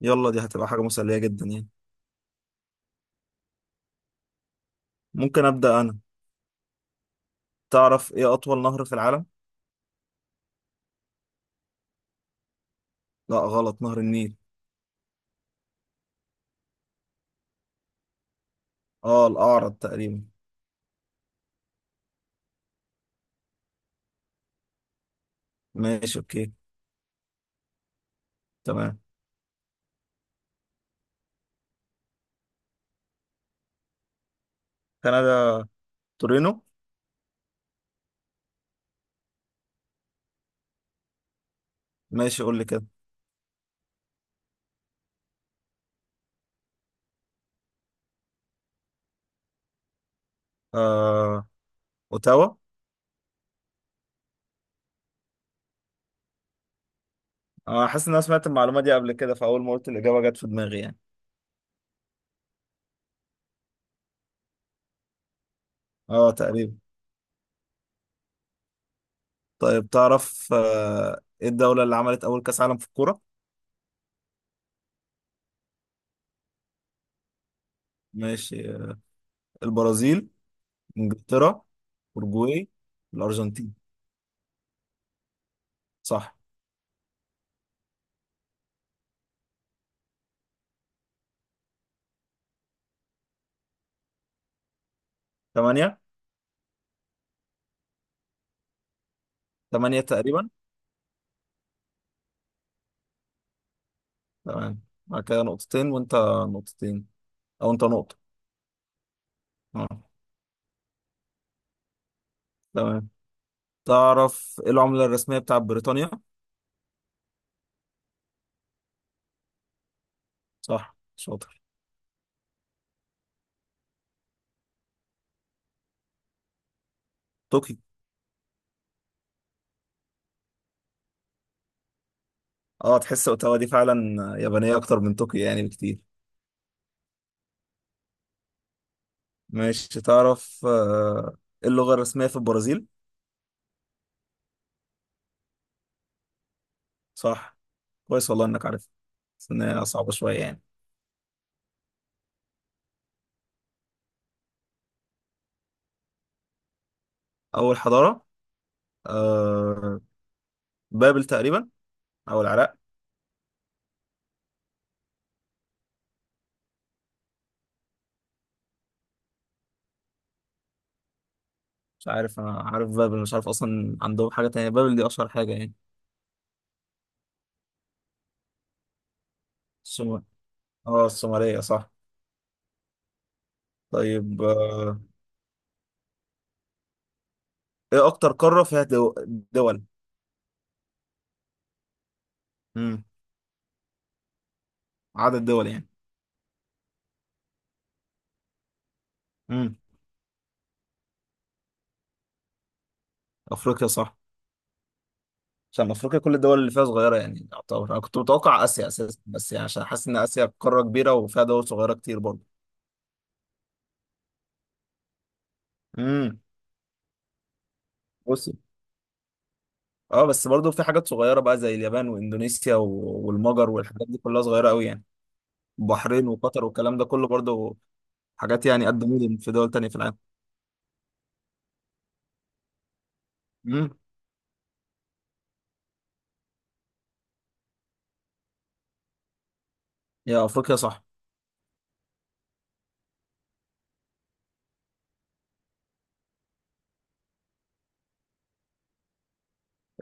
يلا دي هتبقى حاجة مسلية جدا يعني. ممكن أبدأ أنا. تعرف إيه أطول نهر في العالم؟ لا غلط، نهر النيل. آه الأعرض تقريبا. ماشي أوكي. تمام. كندا. تورينو. ماشي قول لي كده. آه أوتاوا. آه، حاسس إن أنا سمعت المعلومة دي قبل كده فأول ما قلت الإجابة جت في دماغي يعني. آه تقريبا. طيب تعرف إيه الدولة اللي عملت أول كأس عالم في الكورة؟ ماشي، البرازيل. إنجلترا. أورجواي. الأرجنتين. صح. ثمانية. ثمانية تقريبا. تمام. بعد كده نقطتين وانت. نقطتين. او انت نقطة. اه. تمام. تعرف ايه العملة الرسمية بتاعت بريطانيا؟ صح شاطر. طوكيو. اه تحس اوتاوا دي فعلا يابانية اكتر من طوكيو يعني بكتير. ماشي تعرف ايه اللغة الرسمية في البرازيل؟ صح. كويس والله انك عارف. بس إن هي صعبة شوية يعني. اول حضارة. آه بابل تقريبا. او العراق. مش عارف، انا عارف بابل، مش عارف اصلا عندهم حاجة تانية، بابل دي اشهر حاجة يعني. السومر. اه السومرية صح. طيب ايه اكتر قارة فيها دول؟ امم. عدد دول يعني. امم. افريقيا صح. عشان افريقيا كل الدول اللي فيها صغيرة يعني، يعتبر انا كنت متوقع اسيا اساسا بس يعني عشان حاسس ان اسيا قارة كبيرة وفيها دول صغيرة كتير برضه. امم. بص. اه بس برضه في حاجات صغيرة بقى زي اليابان واندونيسيا والمجر والحاجات دي كلها صغيرة قوي يعني. البحرين وقطر والكلام ده كله برضه حاجات يعني قد مدن في دول تانية في العالم. امم. يا افريقيا صح.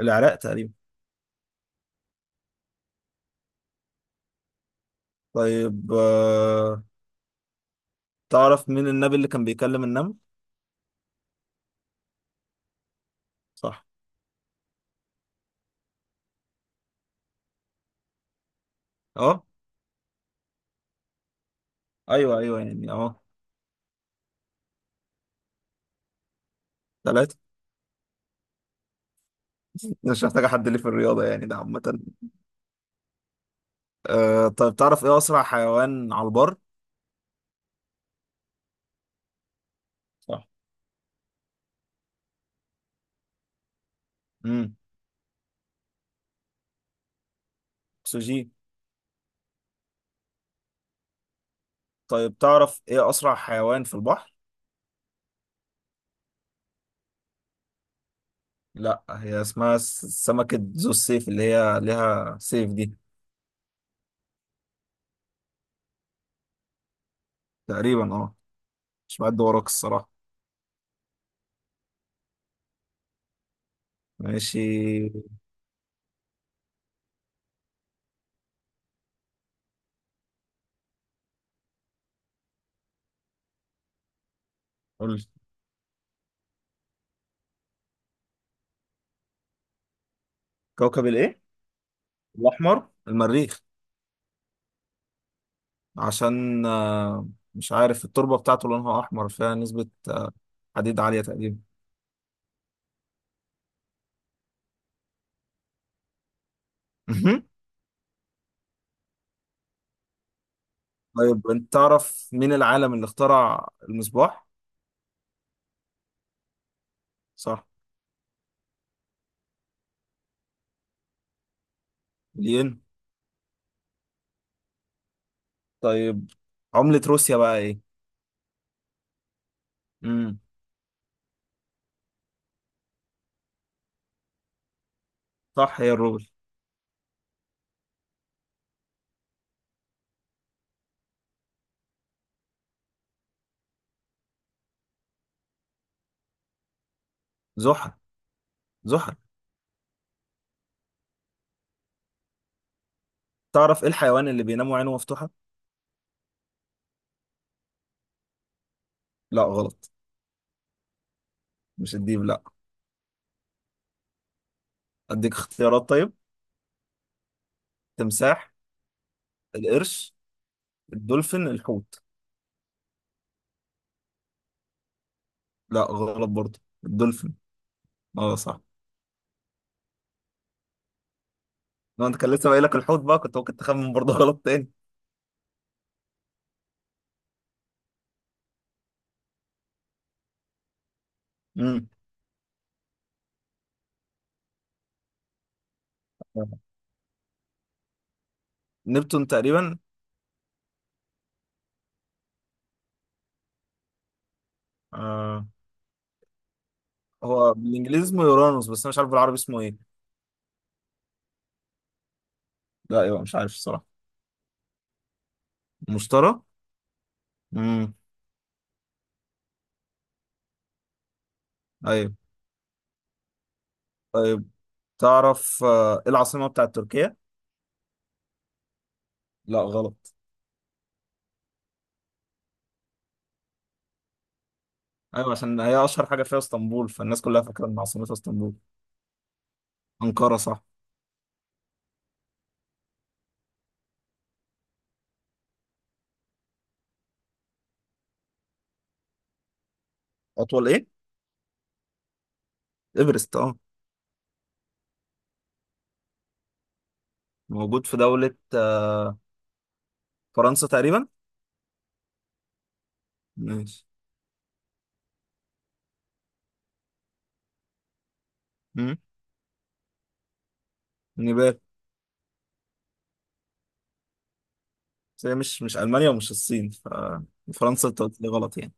العراق تقريبا. طيب، تعرف مين النبي اللي كان بيكلم النمل؟ صح. اه. ايوه ايوه يعني اه. ثلاثة. مش محتاجة حد ليه في الرياضة يعني، ده عامة. آه طيب تعرف ايه أسرع حيوان على البر؟ صح. امم. سوجي. طيب تعرف ايه أسرع حيوان في البحر؟ لا، هي اسمها سمكة ذو السيف اللي هي ليها سيف دي. تقريبا اه. مش بعد وراك الصراحة. ماشي قول لي. كوكب الايه؟ الأحمر، المريخ. عشان آه، مش عارف، التربة بتاعته لونها أحمر، فيها نسبة حديد عالية تقريبا. مهم. طيب انت تعرف مين العالم اللي اخترع المصباح؟ صح. الين. طيب عملة روسيا بقى ايه؟ امم. صح، هي الروبل. زحل. زحل. تعرف ايه الحيوان اللي بينام وعينه مفتوحة؟ لا غلط. مش الديب، لا. اديك اختيارات طيب. تمساح. القرش. الدولفين، الحوت. لا غلط برضه، الدولفين. اه صح. لو انت كان لسه باقي لك الحوت بقى كنت ممكن تخمن برضه غلط تاني. امم. نبتون تقريبا. آه. هو بالانجليزي اسمه يورانوس بس انا مش عارف بالعربي اسمه ايه. لا ايوه مش عارف الصراحه. المشتري. امم. ايوه. طيب تعرف ايه العاصمه بتاعت تركيا؟ لا غلط. ايوه عشان هي اشهر حاجه فيها اسطنبول فالناس كلها فاكره ان عاصمتها اسطنبول. انقره صح. اطول ايه؟ ايفرست اه. موجود في دوله فرنسا تقريبا. ماشي. امم. نيبال. بس هي مش، مش المانيا ومش الصين، ف فرنسا انت قلت لي غلط يعني.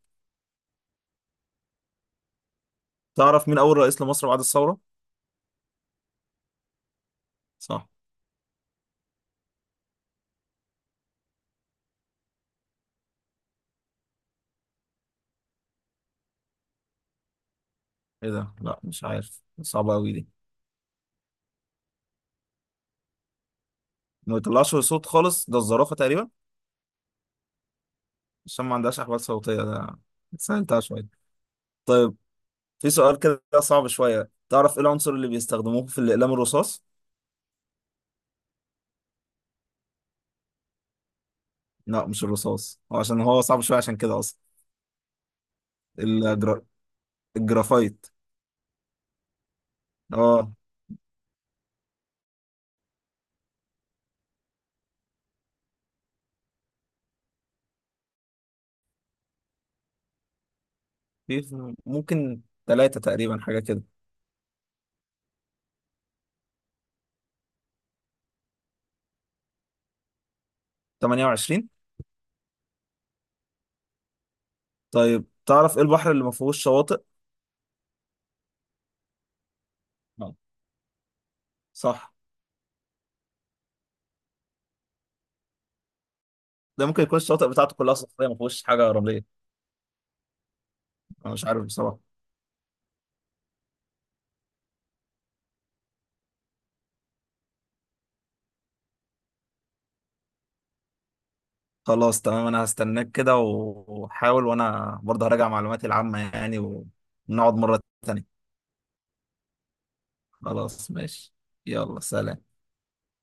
تعرف مين اول رئيس لمصر بعد الثوره؟ صح. ايه ده، لا مش عارف، صعبه قوي دي. ما بيطلعش صوت خالص، ده الزرافه تقريبا. عشان ما عندهاش احوال صوتيه ده. سهلتها شويه. طيب في سؤال كده صعب شويه، تعرف ايه العنصر اللي بيستخدموه في الاقلام الرصاص؟ لا مش الرصاص، هو عشان هو صعب شويه عشان كده اصلا. الجرا... الجرافايت. اه. في ممكن ثلاثه تقريبا حاجه كده. 28. طيب تعرف ايه البحر اللي ما فيهوش شواطئ؟ لا. صح. ده ممكن يكون الشواطئ بتاعته كلها صخريه ما فيهوش حاجه رمليه. انا مش عارف بصراحه. خلاص تمام، انا هستناك كده وحاول، وانا برضه هراجع معلوماتي العامة يعني، ونقعد مرة تانية. خلاص ماشي. يلا سلام.